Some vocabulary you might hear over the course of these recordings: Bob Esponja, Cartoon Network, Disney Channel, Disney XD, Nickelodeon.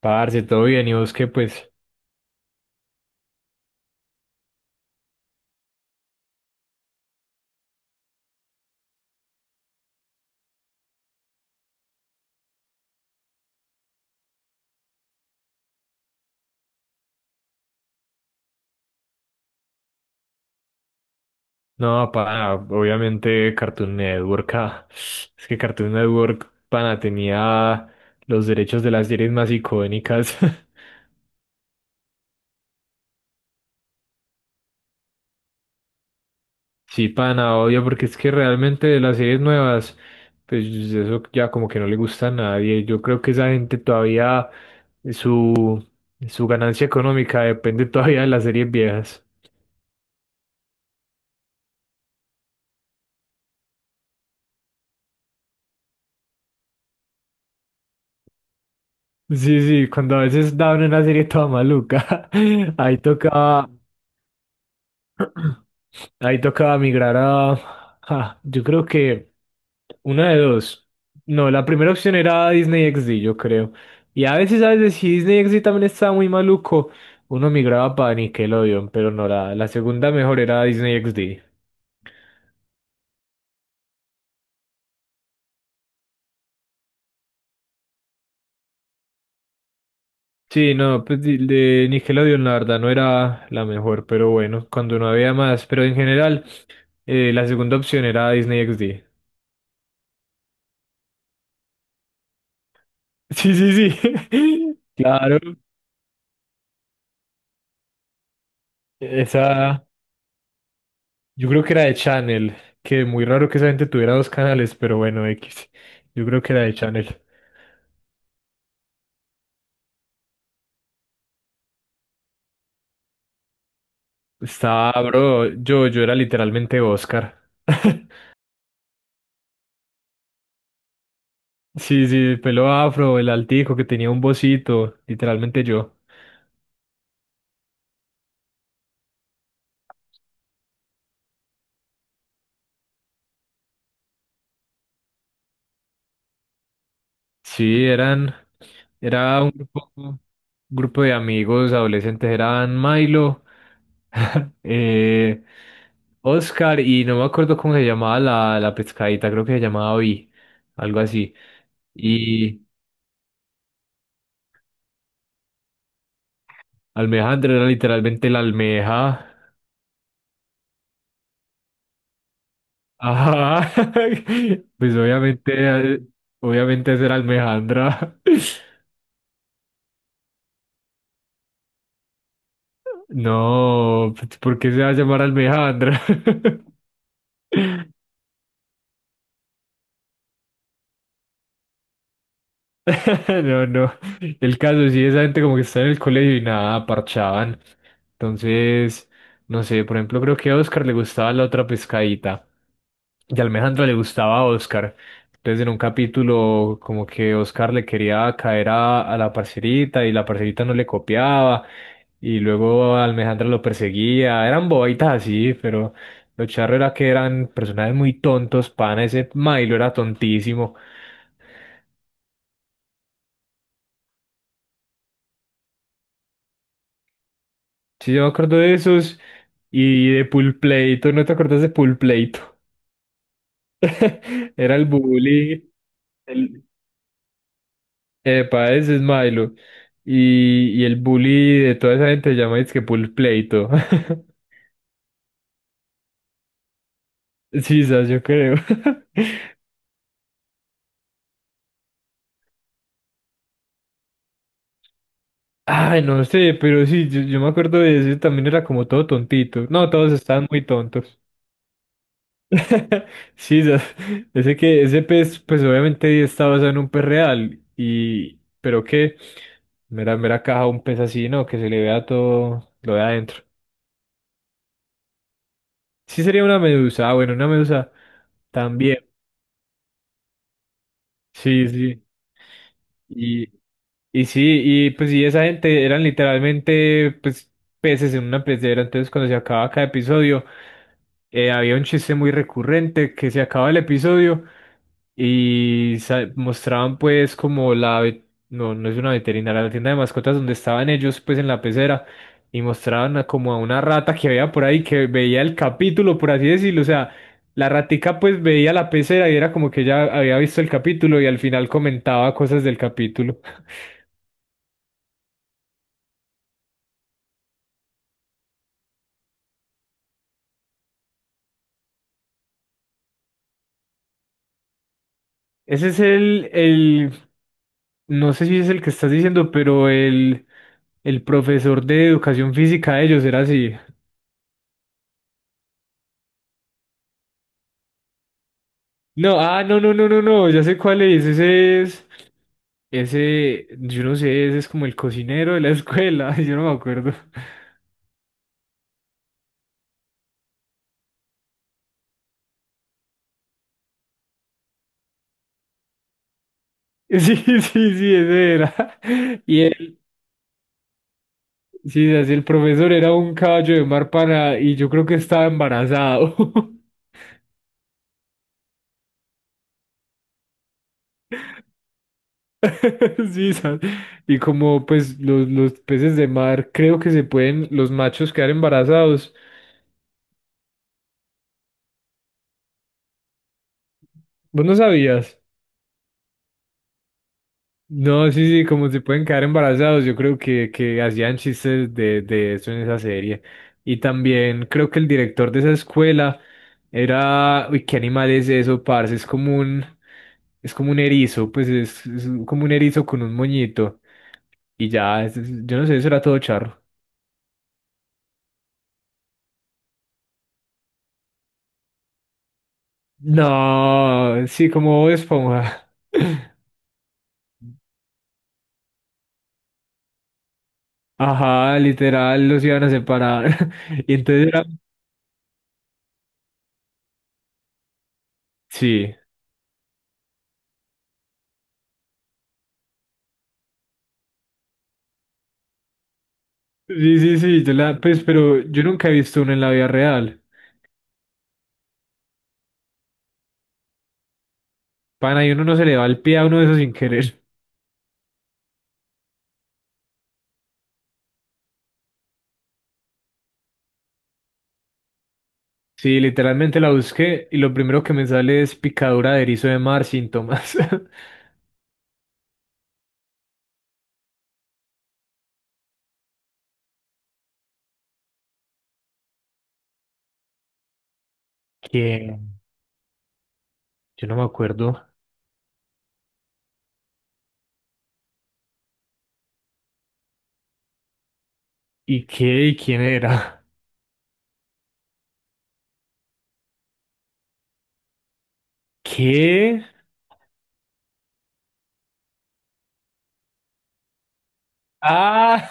Parce, todo bien, y vos no, pana, obviamente Cartoon Network, es que Cartoon Network, pana, tenía los derechos de las series más icónicas. Sí, pana, obvio, porque es que realmente de las series nuevas, pues eso ya como que no le gusta a nadie. Yo creo que esa gente todavía, su, su ganancia económica depende todavía de las series viejas. Sí, sí, cuando a veces daban una serie toda maluca, ahí tocaba. Ahí tocaba migrar a... yo creo que una de dos. No, la primera opción era Disney XD, yo creo. Y a veces, si Disney XD también estaba muy maluco, uno migraba para Nickelodeon, pero no, la segunda mejor era Disney XD. Sí, no, pues de Nickelodeon la verdad no era la mejor, pero bueno, cuando no había más, pero en general, la segunda opción era Disney XD. Sí, sí, sí. Claro, esa. Yo creo que era de Channel, que muy raro que esa gente tuviera dos canales, pero bueno, X. Yo creo que era de Channel. Estaba, bro, yo era literalmente Oscar. Sí, sí, el pelo afro, el altico que tenía un bocito, literalmente yo. Sí, eran, Era un grupo de amigos adolescentes, eran Milo, eh, Oscar y no me acuerdo cómo se llamaba la pescadita, creo que se llamaba Vi, algo así. Y, Almejandra era literalmente la almeja. Ajá. Pues obviamente, obviamente esa Almejandra. No, pues, ¿por qué se va a llamar Almejandra? No, no. El caso sí, esa gente como que está en el colegio y nada, parchaban. Entonces, no sé, por ejemplo, creo que a Oscar le gustaba la otra pescadita. Y a Alejandra le gustaba a Oscar. Entonces, en un capítulo, como que Oscar le quería caer a la parcerita y la parcerita no le copiaba. Y luego a Alejandra lo perseguía. Eran bobaitas así, pero lo charro era que eran personajes muy tontos, pana. Ese Milo era tontísimo. Sí, yo me acuerdo de esos y de Pulpleito, ¿no te acuerdas de Pulpleito? Era el bully, el... Epa, ese es Milo. Y el bully de toda esa gente se llama es que Pulpleito. Sí, sas, yo creo. Ay, no sé, pero sí, yo me acuerdo de ese, también era como todo tontito. No, todos estaban muy tontos. Sí, ese que ese pez, pues obviamente está basado en un pez real y pero que mera mera caja un pez así, ¿no? Que se le vea todo lo de adentro. Sí sería una medusa, bueno, una medusa también. Sí, sí. Y, y sí, y pues sí, esa gente eran literalmente pues peces en una pecera, entonces cuando se acababa cada episodio había un chiste muy recurrente que se acababa el episodio y mostraban pues como no, no es una veterinaria, la tienda de mascotas donde estaban ellos pues en la pecera y mostraban como a una rata que había por ahí que veía el capítulo, por así decirlo, o sea, la ratica pues veía la pecera y era como que ella había visto el capítulo y al final comentaba cosas del capítulo. Ese es el, no sé si es el que estás diciendo, pero el profesor de educación física de ellos era así. No, no, ya sé cuál es, ese, yo no sé, ese es como el cocinero de la escuela, yo no me acuerdo. Sí, sí, sí, ese era. Y él, sí, así el profesor era un caballo de mar para, y yo creo que estaba embarazado. Sí, y como pues los peces de mar creo que se pueden, los machos quedar embarazados. ¿Vos no sabías? No, sí, sí, como se pueden quedar embarazados, yo creo que hacían chistes de eso en esa serie. Y también creo que el director de esa escuela era, uy, ¿qué animal es eso, parce? Es como un erizo, pues es como un erizo con un moñito. Y ya, yo no sé, eso era todo charro. No, sí, como Bob Esponja. Ajá, literal, los iban a separar. Y entonces era... Sí, sí, sí, sí, yo la... Pues, pero yo nunca he visto uno en la vida real. Pana, y uno no se le va el pie a uno de esos sin querer. Sí, literalmente la busqué y lo primero que me sale es picadura de erizo de mar, síntomas. ¿Qué? Yo no me acuerdo. ¿Y qué? ¿Y quién era? ¿Qué? Ah,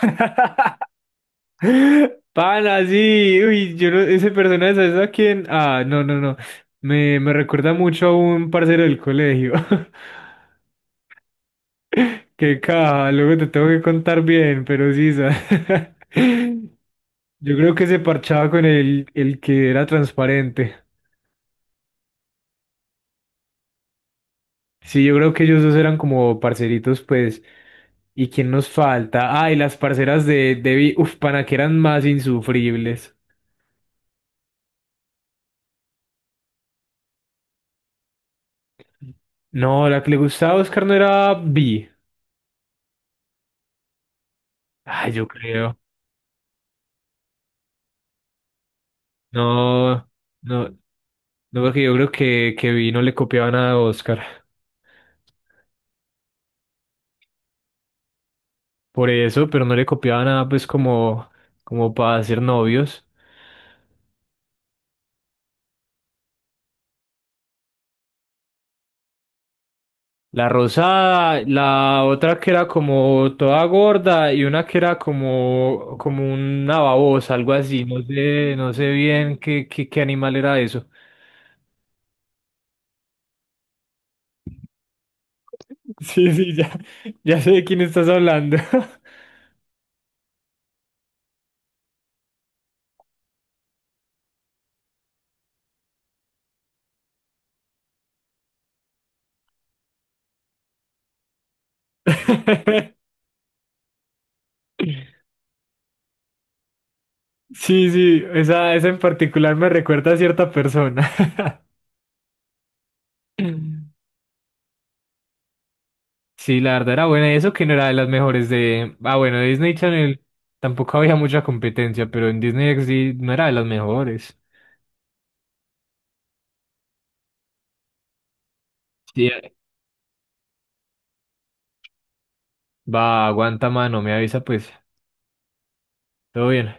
Pana, sí, uy, yo no, ese personaje, ¿sabes a quién? Ah, no, no, no. Me recuerda mucho a un parcero del colegio. Qué caja, luego te tengo que contar bien, pero sí, ¿sabes? Yo creo que se parchaba con el que era transparente. Sí, yo creo que ellos dos eran como parceritos, pues. ¿Y quién nos falta? Ah, y las parceras de Debbie, uf, pana, que eran más insufribles. No, la que le gustaba a Oscar no era Vi. Ay, yo creo. No, no, no, porque yo creo que vi no le copiaba nada a Oscar. Por eso, pero no le copiaba nada, pues, como, como para ser novios. La rosada, la otra que era como toda gorda y una que era como, como una babosa, algo así. No sé, no sé bien qué, qué animal era eso. Sí, sí, ya, ya sé de quién estás hablando. Sí, sí, esa en particular me recuerda a cierta persona. Sí, la verdad era buena. Y eso que no era de las mejores de. Ah, bueno, de Disney Channel tampoco había mucha competencia, pero en Disney XD no era de las mejores. Sí, va, aguanta mano, me avisa pues. Todo bien.